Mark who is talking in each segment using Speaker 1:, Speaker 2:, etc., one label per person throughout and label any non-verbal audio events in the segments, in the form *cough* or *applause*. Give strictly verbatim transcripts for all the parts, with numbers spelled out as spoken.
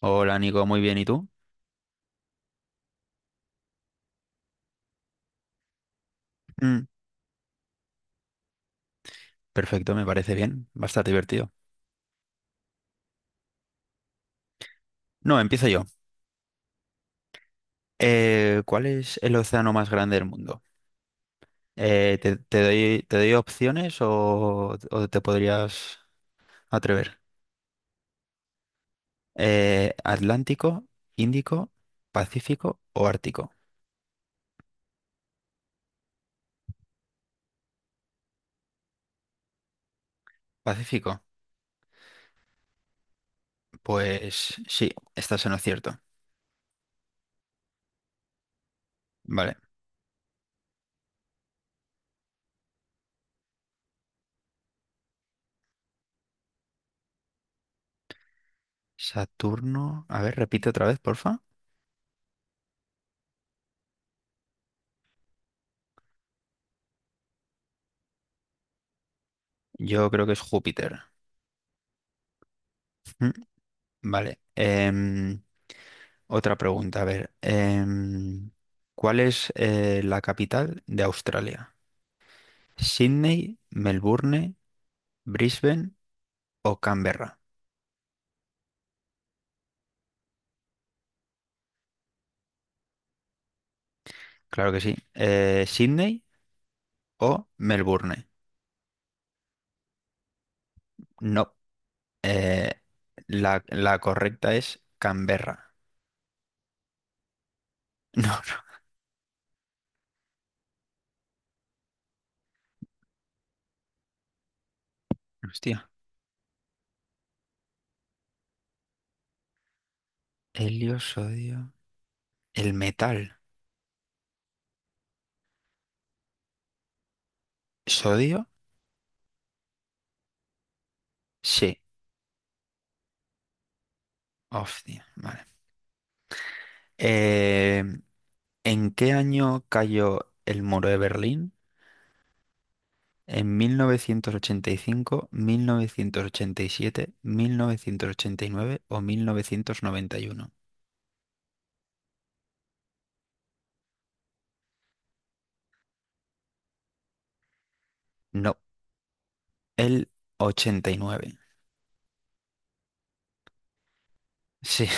Speaker 1: Hola Nico, muy bien, ¿y tú? Mm, perfecto, me parece bien, bastante divertido. No, empiezo yo. Eh, ¿cuál es el océano más grande del mundo? Eh, te, te doy, te doy opciones o, o te podrías atrever? Eh, ¿Atlántico, Índico, Pacífico o Ártico? Pacífico. Pues sí, estás en lo cierto. Vale. Saturno. A ver, repite otra vez, porfa. Yo creo que es Júpiter. Mm. Vale. Em, Otra pregunta, a ver. em, ¿cuál es eh, la capital de Australia? ¿Sydney, Melbourne, Brisbane o Canberra? Claro que sí. Eh, ¿Sydney o Melbourne? No. Eh, la, la correcta es Canberra. *laughs* No, no. Hostia. Helio, sodio. El metal. ¿Sodio? Sí. Hostia. Vale. Eh, ¿en qué año cayó el muro de Berlín? En mil mil mil novecientos novecientos novecientos ochenta ochenta y y cinco, siete, mil novecientos ochenta y nueve o mil novecientos noventa y uno. No, el ochenta y nueve. Sí,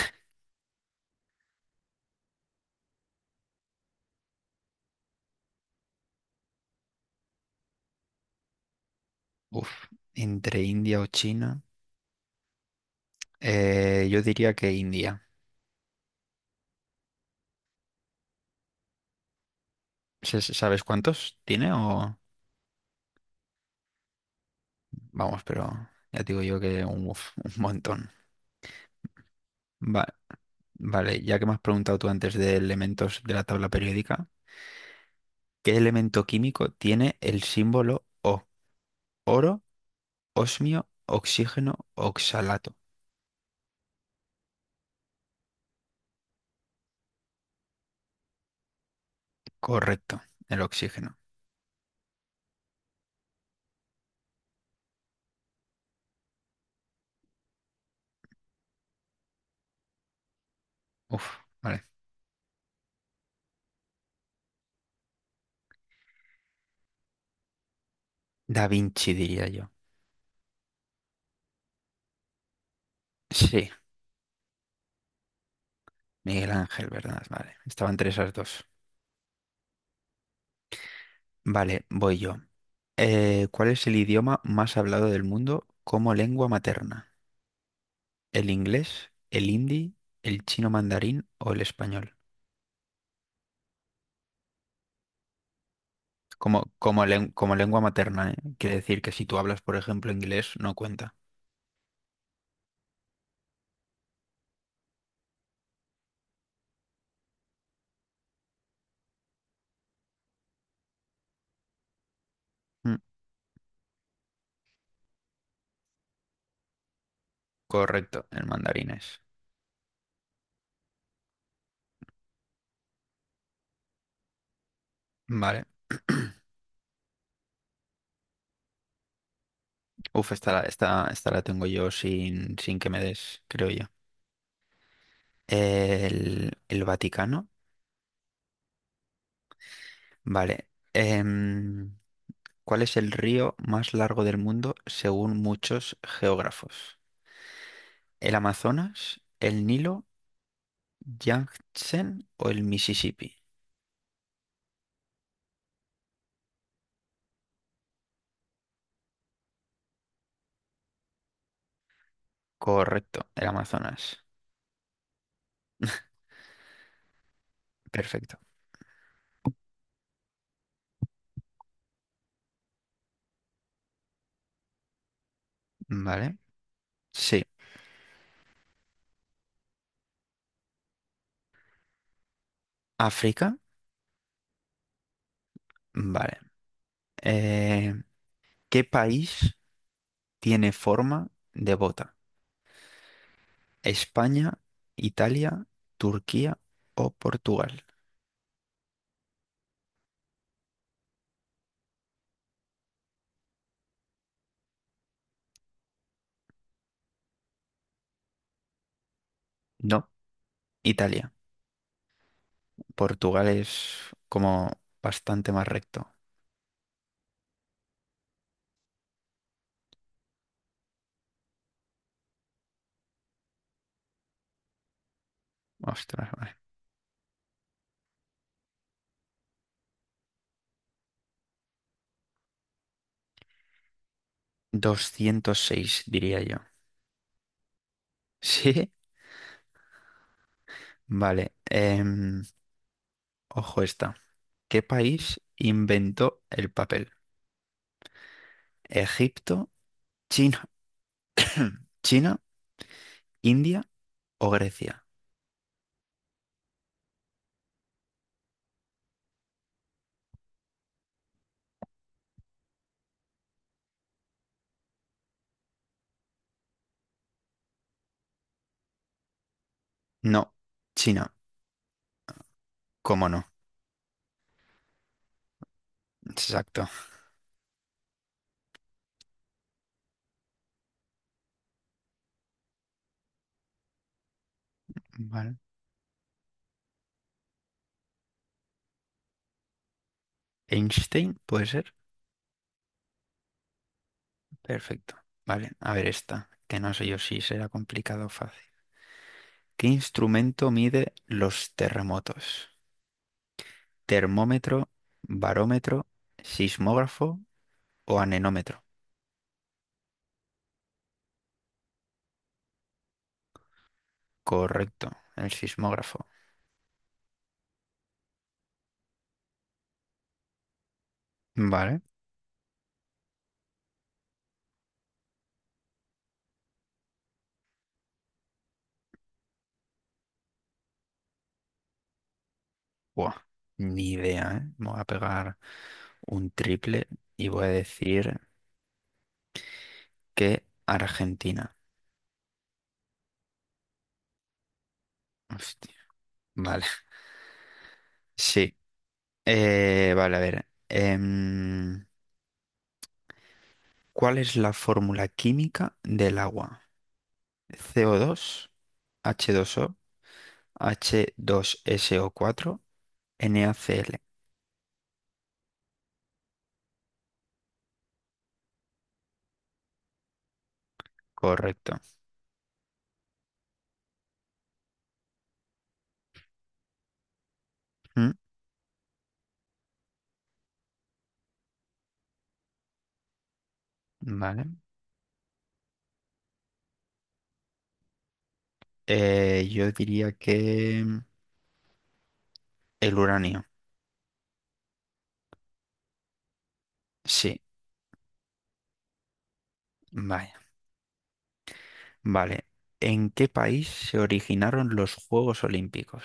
Speaker 1: *laughs* Uf. Entre India o China. Eh, yo diría que India. ¿Se- se- ¿Sabes cuántos tiene o...? Vamos, pero ya te digo yo que un, uf, un montón. Va- vale, ya que me has preguntado tú antes de elementos de la tabla periódica, ¿qué elemento químico tiene el símbolo O? ¿Oro? Osmio, oxígeno, oxalato. Correcto, el oxígeno. Uf, vale. Da Vinci diría yo. Sí, Miguel Ángel, ¿verdad? Vale, estaban entre esas dos. Vale, voy yo. Eh, ¿cuál es el idioma más hablado del mundo como lengua materna? ¿El inglés, el hindi, el chino mandarín o el español? Como, como, len- como lengua materna, ¿eh? Quiere decir que si tú hablas, por ejemplo, inglés, no cuenta. Mm, correcto, el mandarín es. Vale. *clears throat* Uf, esta, la- esta, esta la tengo yo sin, sin que me des, creo yo. El, el Vaticano. Vale. Em, ¿cuál es el río más largo del mundo según muchos geógrafos? ¿El Amazonas, el Nilo, Yangtze o el Mississippi? Correcto, el Amazonas. Perfecto. Vale. Sí. África. Vale. Eh, ¿qué país tiene forma de bota? ¿España, Italia, Turquía o Portugal? No, Italia. Portugal es como bastante más recto. Ostras, vale. Doscientos seis, diría yo. *laughs* Sí, vale. em, ojo esta. ¿Qué país inventó el papel? ¿Egipto, China, China, India o Grecia? No, China. ¿Cómo no? Exacto. Vale. Einstein, ¿puede ser? Perfecto. Vale, a ver esta, que no sé yo si será complicado o fácil. ¿Qué instrumento mide los terremotos? ¿Termómetro, barómetro, sismógrafo o anemómetro? Correcto, el sismógrafo. Vale. Buah, ni idea, ¿eh? Me voy a pegar un triple y voy a decir que Argentina. Hostia. Vale, *laughs* sí. Eh, vale, a ver. em, ¿cuál es la fórmula química del agua? Co dos, h dos o h dos so cuatro, NaCl. Correcto. Mm. Vale. Eh, yo diría que mm, el uranio. Sí, vaya. Vale. ¿En qué país se originaron los Juegos Olímpicos?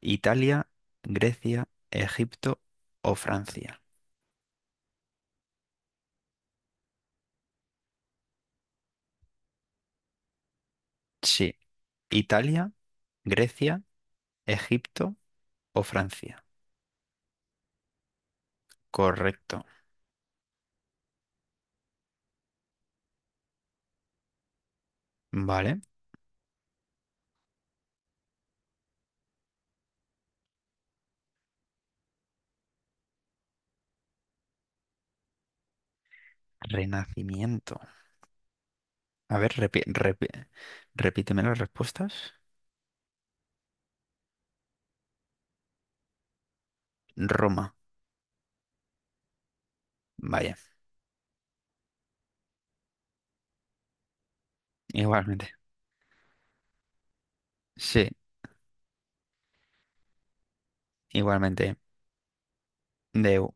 Speaker 1: ¿Italia, Grecia, Egipto o Francia? Sí. Italia, Grecia, Egipto o Francia. Correcto. Vale. Renacimiento. A ver, repi- repi- repíteme las respuestas. Roma, vaya, igualmente. Sí, igualmente. De